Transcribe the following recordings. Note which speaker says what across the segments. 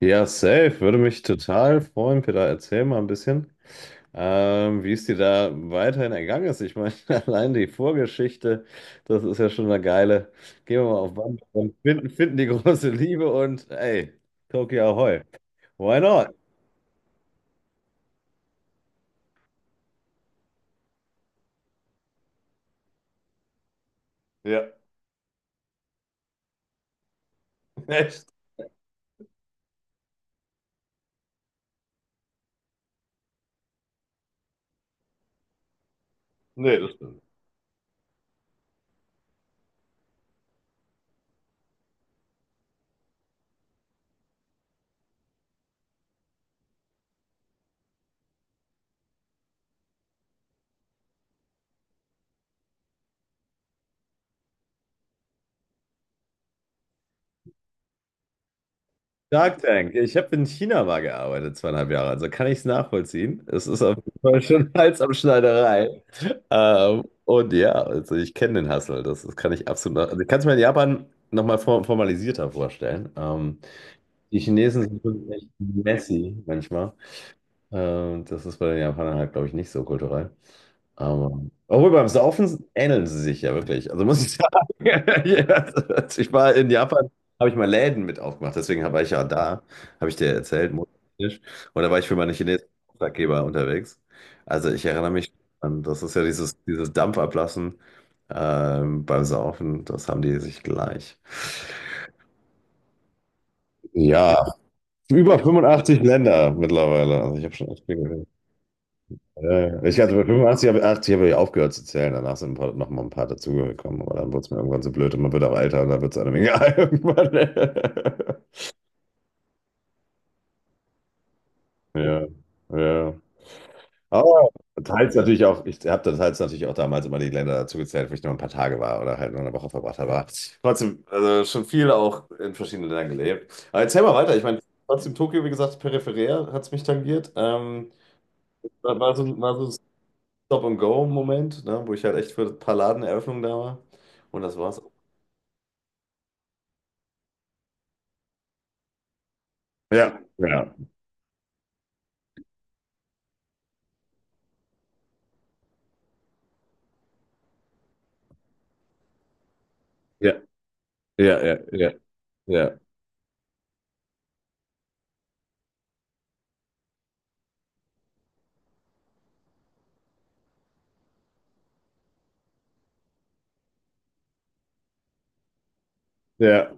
Speaker 1: Ja, safe. Würde mich total freuen, Peter. Erzähl mal ein bisschen, wie es dir da weiterhin ergangen ist. Ich meine, allein die Vorgeschichte, das ist ja schon eine geile. Gehen wir mal auf Wanderung, finden die große Liebe und ey, Tokio Ahoy. Why not? Ja, echt? Nee, das stimmt. Shark Tank. Ich habe in China mal gearbeitet, 2,5 Jahre, also kann ich es nachvollziehen. Es ist auf jeden Fall schon Hals am Schneiderei. Und ja, also ich kenne den Hustle, das kann ich absolut. Also ich kann es mir in Japan nochmal formalisierter vorstellen. Die Chinesen sind schon echt messy manchmal. Das ist bei den Japanern halt, glaube ich, nicht so kulturell. Aber, obwohl beim Saufen ähneln sie sich ja wirklich. Also muss ich sagen, ja, also ich war in Japan, habe ich mal Läden mit aufgemacht. Deswegen war ich ja da, habe ich dir erzählt, monatlich. Und da war ich für meine chinesischen Auftraggeber unterwegs. Also ich erinnere mich an, das ist ja dieses Dampfablassen beim Saufen, das haben die sich gleich. Ja, über 85 Länder mittlerweile. Also ich habe schon echt viel gehört. Ja, ja. Ich hatte bei 85, habe 80 habe ich aufgehört zu zählen. Danach sind ein paar, noch mal ein paar dazugekommen. Aber dann wurde es mir irgendwann so blöd und man wird auch älter und dann wird es einem egal irgendwann. Ja, ja. Aber teils natürlich auch, ich habe dann teils natürlich auch damals immer die Länder dazu gezählt, wo ich nur ein paar Tage war oder halt nur eine Woche verbracht habe. Aber trotzdem, also schon viel auch in verschiedenen Ländern gelebt. Aber erzähl mal weiter. Ich meine, trotzdem Tokio, wie gesagt, peripherär hat es mich tangiert. War, war so Stop-and-Go-Moment, ne, wo ich halt echt für ein paar Ladeneröffnungen da war. Und das war's. Ja, ja, ja, ja, ja, ja, ja, ja.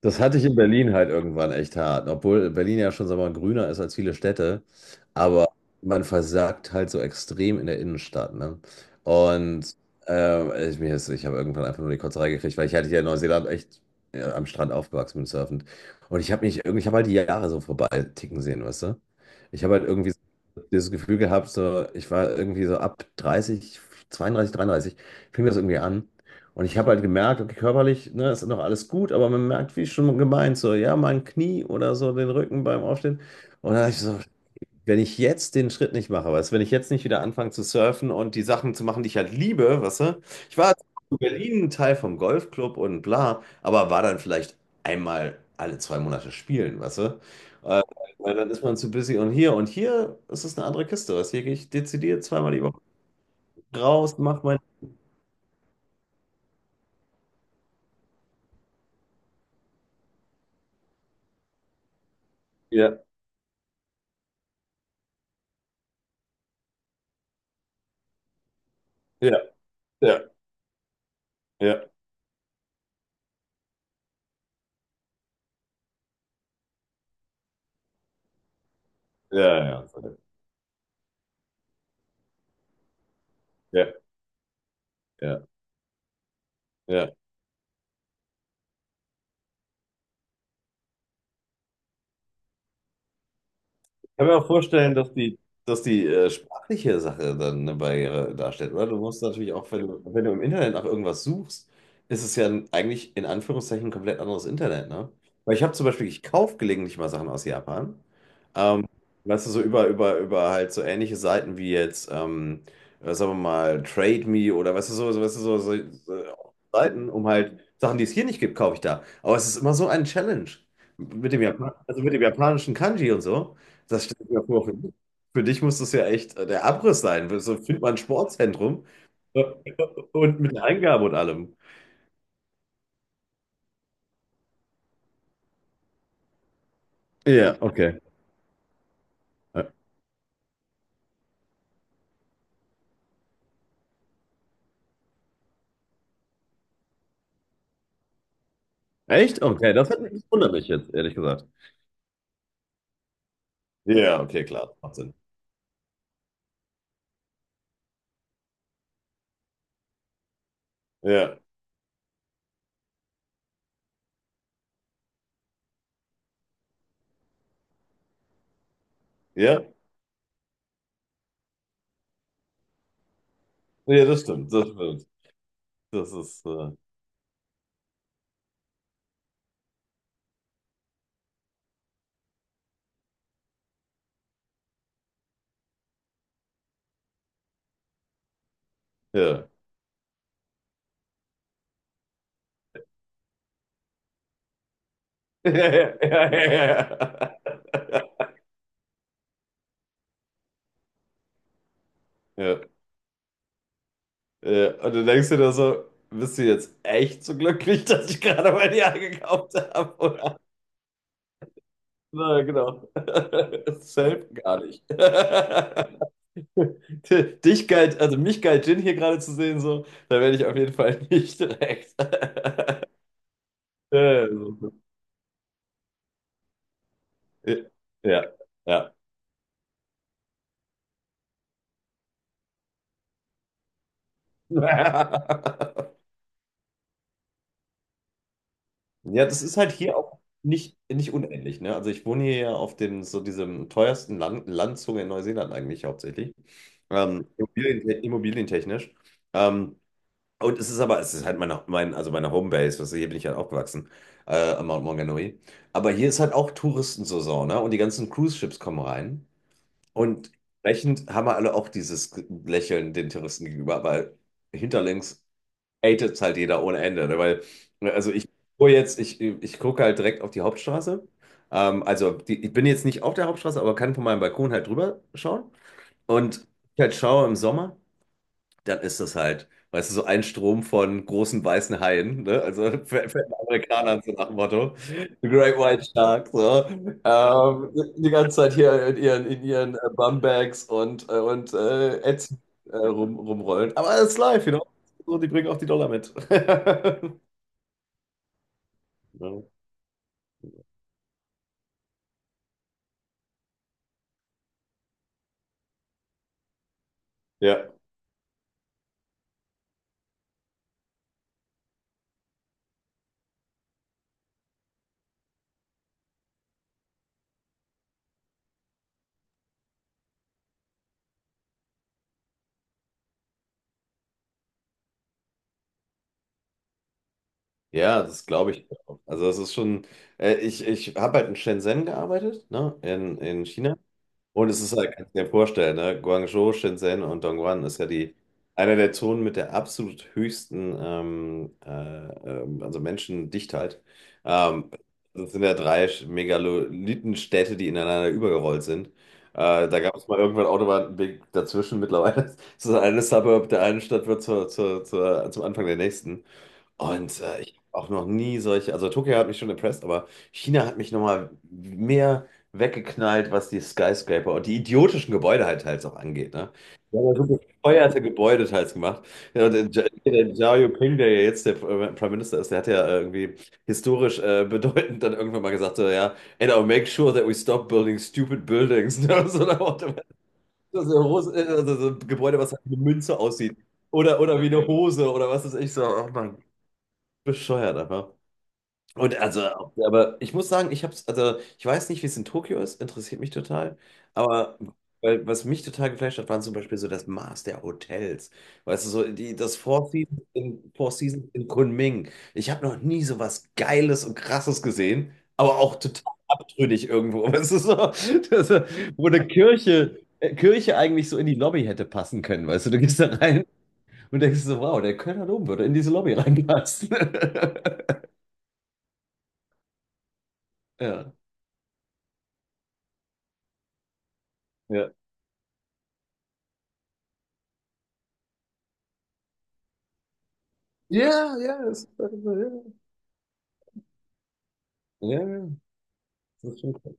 Speaker 1: Das hatte ich in Berlin halt irgendwann echt hart, obwohl Berlin ja schon, sagen wir mal, grüner ist als viele Städte, aber man versagt halt so extrem in der Innenstadt, ne? Und ich, mir ist, ich habe irgendwann einfach nur die Kotzerei gekriegt, weil ich hatte ja in Neuseeland echt am Strand aufgewachsen bin surfend. Und ich habe mich irgendwie, ich habe halt die Jahre so vorbei ticken sehen, weißt du? Ich habe halt irgendwie so dieses Gefühl gehabt, so, ich war irgendwie so ab 30, 32, 33, fing das irgendwie an und ich habe halt gemerkt, okay, körperlich, ne, ist noch alles gut, aber man merkt, wie schon gemeint, so, ja, mein Knie oder so, den Rücken beim Aufstehen. Und dann habe ich so, wenn ich jetzt den Schritt nicht mache, weißt du, wenn ich jetzt nicht wieder anfange zu surfen und die Sachen zu machen, die ich halt liebe, weißt du, ich war in Berlin Teil vom Golfclub und bla, aber war dann vielleicht einmal alle 2 Monate spielen, weißt du. Äh, Weil dann ist man zu busy und hier ist es eine andere Kiste, weißt du, hier gehe ich dezidiert 2-mal die Woche raus, mach mein. Ja, ja, ja, ja. Ja, ja, ja, ja, ja. Ja. Ich kann mir auch vorstellen, dass die sprachliche Sache dann eine Barriere darstellt, oder? Du musst natürlich auch, wenn du im Internet nach irgendwas suchst, ist es ja eigentlich in Anführungszeichen ein komplett anderes Internet, ne? Weil ich habe zum Beispiel, ich kaufe gelegentlich mal Sachen aus Japan. Ähm, Weißt du, so über halt so ähnliche Seiten wie jetzt, sagen wir mal, Trade Me oder weißt du, so, so, weißt du, so, so, so Seiten, um halt Sachen, die es hier nicht gibt, kaufe ich da. Aber es ist immer so ein Challenge mit dem Japan, also mit dem japanischen Kanji und so. Das stelle ich mir vor. Für dich muss das ja echt der Abriss sein. So fühlt man ein Sportzentrum äh, und mit Eingabe und allem. Ja, okay. Äh, Echt? Okay, das wundert mich jetzt, ehrlich gesagt. Ja, okay, klar, macht Sinn. Ja, ja, ja, das stimmt, das stimmt. Das ist, ja. Ja, ja, ja. Ja. Ja, ja. Und dann denkst du dir so, bist du jetzt echt so glücklich, dass ich gerade bei dir eingekauft habe? Na, genau. Safe gar nicht. Dich galt, also mich galt Jin hier gerade zu sehen, so, da werde ich auf jeden Fall nicht direkt. Ja, so. Ja. Ja. Ja, das ist halt hier auch nicht unähnlich, ne? Also ich wohne hier ja auf dem, so diesem teuersten Land, Landzunge in Neuseeland eigentlich hauptsächlich. Immobilien, immobilientechnisch. Ähm, Und es ist aber, es ist halt also meine Homebase, weißt du, hier bin ich halt aufgewachsen, am Mount Maunganui. Aber hier ist halt auch Touristensaison, ne? Und die ganzen Cruise-Ships kommen rein. Und entsprechend haben wir alle auch dieses Lächeln den Touristen gegenüber, weil hinterlinks hatet's halt jeder ohne Ende, ne? Weil, ne, also ich gucke halt direkt auf die Hauptstraße. Also die, ich bin jetzt nicht auf der Hauptstraße, aber kann von meinem Balkon halt drüber schauen. Und ich halt schaue im Sommer dann ist das halt, weißt du, so ein Strom von großen weißen Haien, ne? Also für den Amerikanern so nach dem Motto, The Great White Shark, so. Ähm, Die ganze Zeit hier in ihren, Bumbags und, Ätzen rumrollen. Aber es ist live, you know? So, die bringen auch die Dollar mit. Ja. Ja, ja, das glaube ich. Also das ist schon, ich, ich habe halt in Shenzhen gearbeitet, ne? In China. Und es ist halt, kannst du dir ja vorstellen, ne? Guangzhou, Shenzhen und Dongguan ist ja die, einer der Zonen mit der absolut höchsten also Menschendichtheit. Ähm, Das sind ja drei Megalithenstädte, die ineinander übergerollt sind. Da gab es mal irgendwann Autobahnweg dazwischen. Mittlerweile ist das eine Suburb der einen Stadt wird zum Anfang der nächsten. Und ich hab auch noch nie solche, also Tokio hat mich schon impressed, aber China hat mich nochmal mehr weggeknallt, was die Skyscraper und die idiotischen Gebäude halt teils auch angeht. Ne? Die haben ja so bescheuerte Gebäude teils gemacht. Ja, und der, der Xi Jinping, der ja jetzt der Prime Minister ist, der hat ja irgendwie historisch bedeutend dann irgendwann mal gesagt, so, ja, and I'll make sure that we stop building stupid buildings. Ne? So nach dem Motto, das ist ja also so ein Gebäude, was halt wie eine Münze aussieht. Oder wie eine Hose oder was ist ich so. Oh mein bescheuert einfach. Und also, aber ich muss sagen, ich hab's, also ich weiß nicht, wie es in Tokio ist, interessiert mich total. Aber Weil, was mich total geflasht hat, waren zum Beispiel so das Maß der Hotels. Weißt du, so die, das Four Seasons in Kunming. Ich habe noch nie so was Geiles und Krasses gesehen, aber auch total abtrünnig irgendwo. Weißt du, so, das, wo eine Kirche eigentlich so in die Lobby hätte passen können. Weißt du, du gehst da rein und denkst so, wow, der Kölner Dom würde in diese Lobby reinpassen. Ja. Ja, ja, ja, das, ja, ja, ja, das ist schon cool.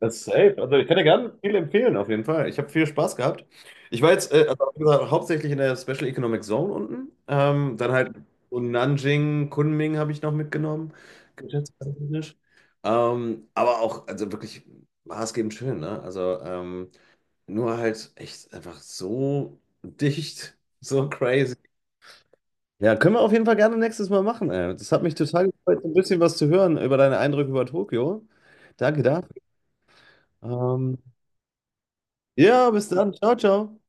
Speaker 1: Das ist safe. Also ich kann dir gerne viel empfehlen, auf jeden Fall. Ich habe viel Spaß gehabt. Ich war jetzt, also, wie gesagt, hauptsächlich in der Special Economic Zone unten. Dann halt so Nanjing, Kunming habe ich noch mitgenommen, geschäftstechnisch. Aber auch, also wirklich maßgebend schön, ne? Also nur halt echt einfach so dicht, so crazy. Ja, können wir auf jeden Fall gerne nächstes Mal machen. Ey. Das hat mich total gefreut, so ein bisschen was zu hören über deine Eindrücke über Tokio. Danke dafür. Ähm, ja, bis dann. Ciao, ciao.